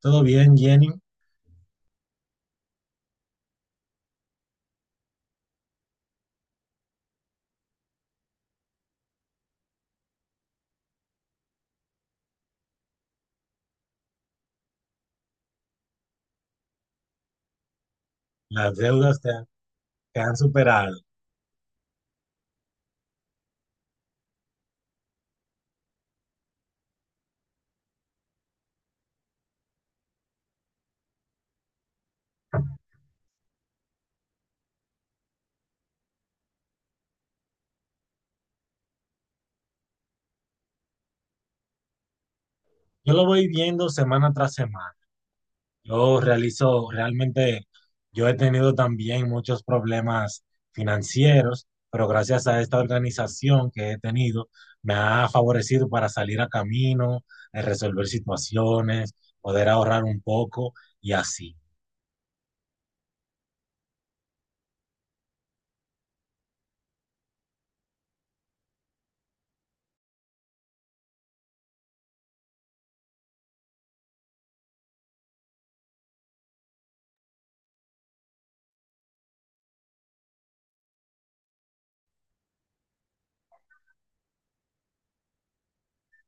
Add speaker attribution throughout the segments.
Speaker 1: Todo bien, Jenny. Las deudas te han superado. Yo lo voy viendo semana tras semana. Yo realizo, realmente, yo he tenido también muchos problemas financieros, pero gracias a esta organización que he tenido, me ha favorecido para salir a camino, resolver situaciones, poder ahorrar un poco y así.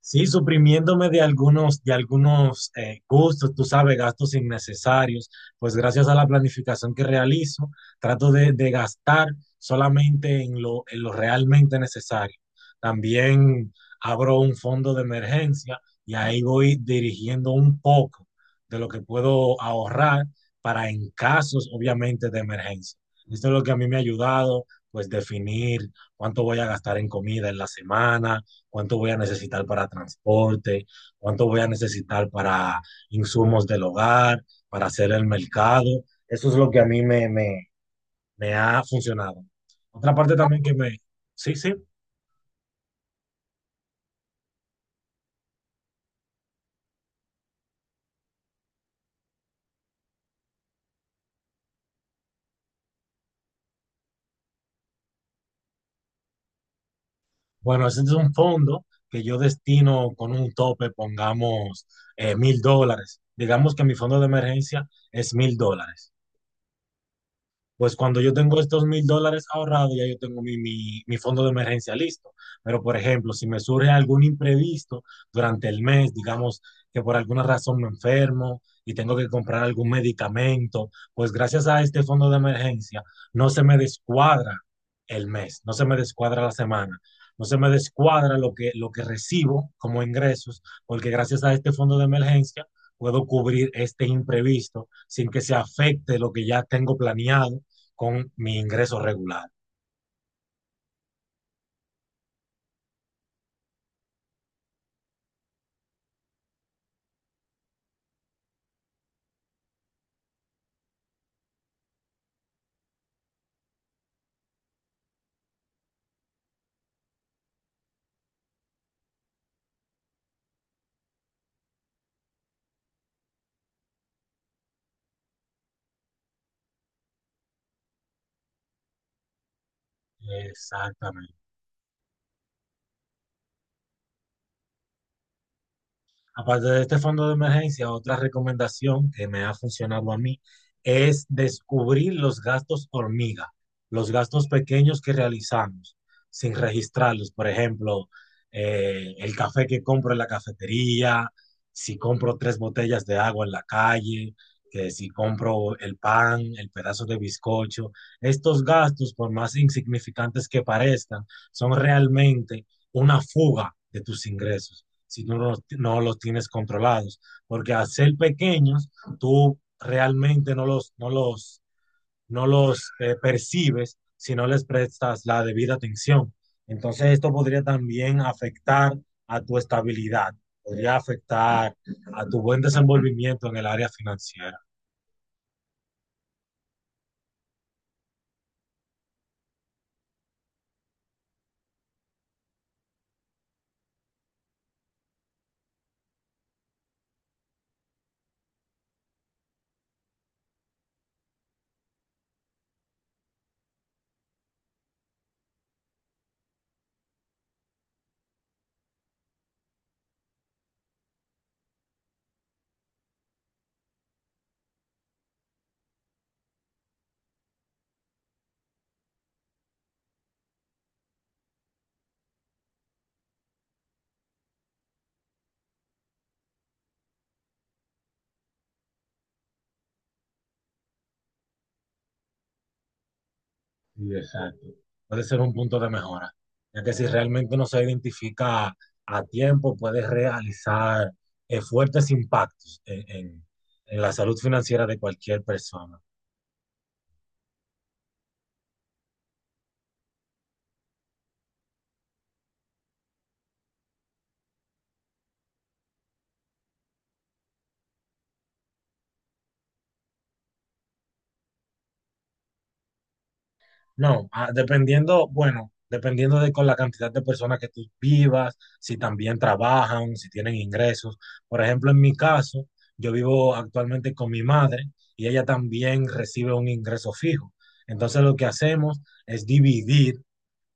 Speaker 1: Sí, suprimiéndome de algunos gustos, tú sabes, gastos innecesarios, pues gracias a la planificación que realizo, trato de gastar solamente en lo realmente necesario. También abro un fondo de emergencia y ahí voy dirigiendo un poco de lo que puedo ahorrar para en casos, obviamente, de emergencia. Esto es lo que a mí me ha ayudado, pues definir cuánto voy a gastar en comida en la semana, cuánto voy a necesitar para transporte, cuánto voy a necesitar para insumos del hogar, para hacer el mercado. Eso es lo que a mí me ha funcionado. Otra parte también que me... Sí, sí. Bueno, ese es un fondo que yo destino con un tope, pongamos $1,000. Digamos que mi fondo de emergencia es $1,000. Pues cuando yo tengo estos $1,000 ahorrados, ya yo tengo mi fondo de emergencia listo. Pero, por ejemplo, si me surge algún imprevisto durante el mes, digamos que por alguna razón me enfermo y tengo que comprar algún medicamento, pues gracias a este fondo de emergencia no se me descuadra el mes, no se me descuadra la semana, no se me descuadra lo que recibo como ingresos, porque gracias a este fondo de emergencia puedo cubrir este imprevisto sin que se afecte lo que ya tengo planeado con mi ingreso regular. Exactamente. Aparte de este fondo de emergencia, otra recomendación que me ha funcionado a mí es descubrir los gastos hormiga, los gastos pequeños que realizamos sin registrarlos. Por ejemplo, el café que compro en la cafetería, si compro tres botellas de agua en la calle, que si compro el pan, el pedazo de bizcocho. Estos gastos, por más insignificantes que parezcan, son realmente una fuga de tus ingresos si tú no, los- no los tienes controlados. Porque al ser pequeños, tú realmente no los percibes si no les prestas la debida atención. Entonces esto podría también afectar a tu estabilidad, podría afectar a tu buen desenvolvimiento en el área financiera. Sí, exacto. Puede ser un punto de mejora, ya que si realmente no se identifica a tiempo, puede realizar fuertes impactos en la salud financiera de cualquier persona. No, dependiendo, bueno, dependiendo de con la cantidad de personas que tú vivas, si también trabajan, si tienen ingresos. Por ejemplo, en mi caso, yo vivo actualmente con mi madre y ella también recibe un ingreso fijo. Entonces, lo que hacemos es dividir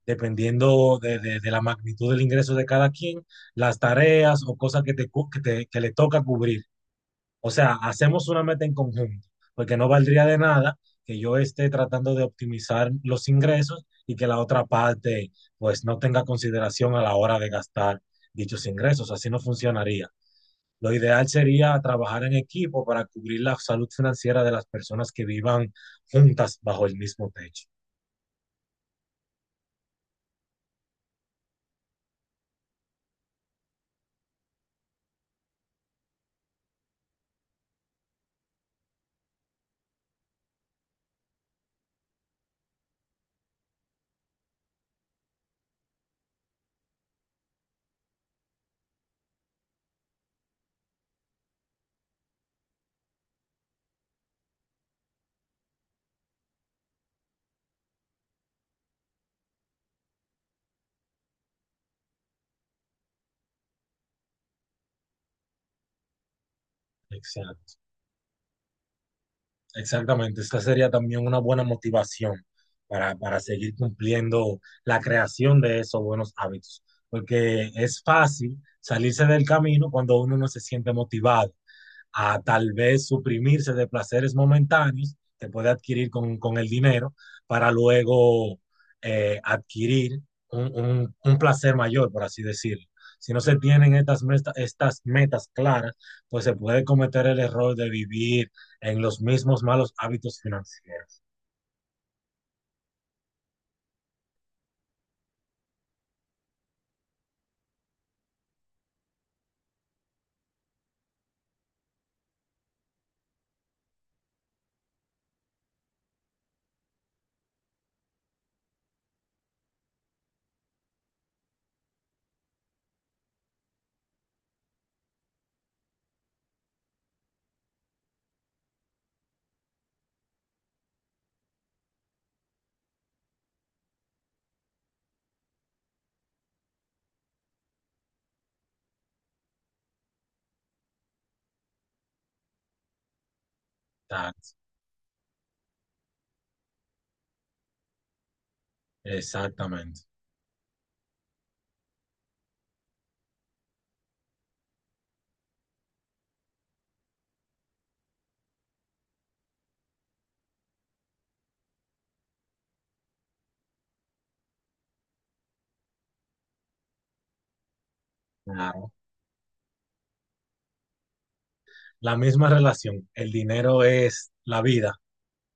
Speaker 1: dependiendo de la magnitud del ingreso de cada quien, las tareas o cosas que, te, cu- que, te- que le toca cubrir. O sea, hacemos una meta en conjunto, porque no valdría de nada que yo esté tratando de optimizar los ingresos y que la otra parte pues no tenga consideración a la hora de gastar dichos ingresos. Así no funcionaría. Lo ideal sería trabajar en equipo para cubrir la salud financiera de las personas que vivan juntas bajo el mismo techo. Exacto. Exactamente, esta sería también una buena motivación para seguir cumpliendo la creación de esos buenos hábitos, porque es fácil salirse del camino cuando uno no se siente motivado, a tal vez suprimirse de placeres momentáneos que puede adquirir con el dinero para luego adquirir placer mayor, por así decirlo. Si no se tienen estas metas claras, pues se puede cometer el error de vivir en los mismos malos hábitos financieros. Tax, exactamente. Claro. La misma relación, el dinero es la vida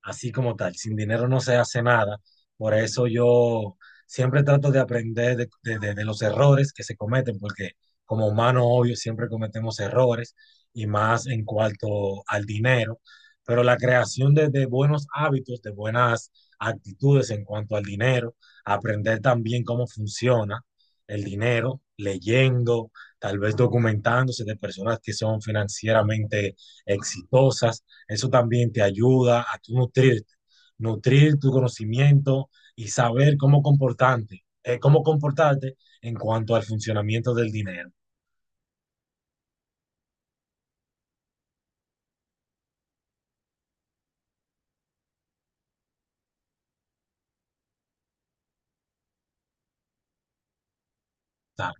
Speaker 1: así como tal. Sin dinero no se hace nada. Por eso yo siempre trato de aprender de los errores que se cometen, porque como humanos, obvio, siempre cometemos errores y más en cuanto al dinero. Pero la creación de buenos hábitos, de buenas actitudes en cuanto al dinero, aprender también cómo funciona el dinero, leyendo, tal vez documentándose de personas que son financieramente exitosas, eso también te ayuda a tú nutrirte, nutrir tu conocimiento y saber cómo comportarte en cuanto al funcionamiento del dinero. Tal.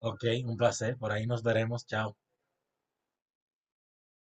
Speaker 1: Ok, un placer. Por ahí nos veremos. Chao.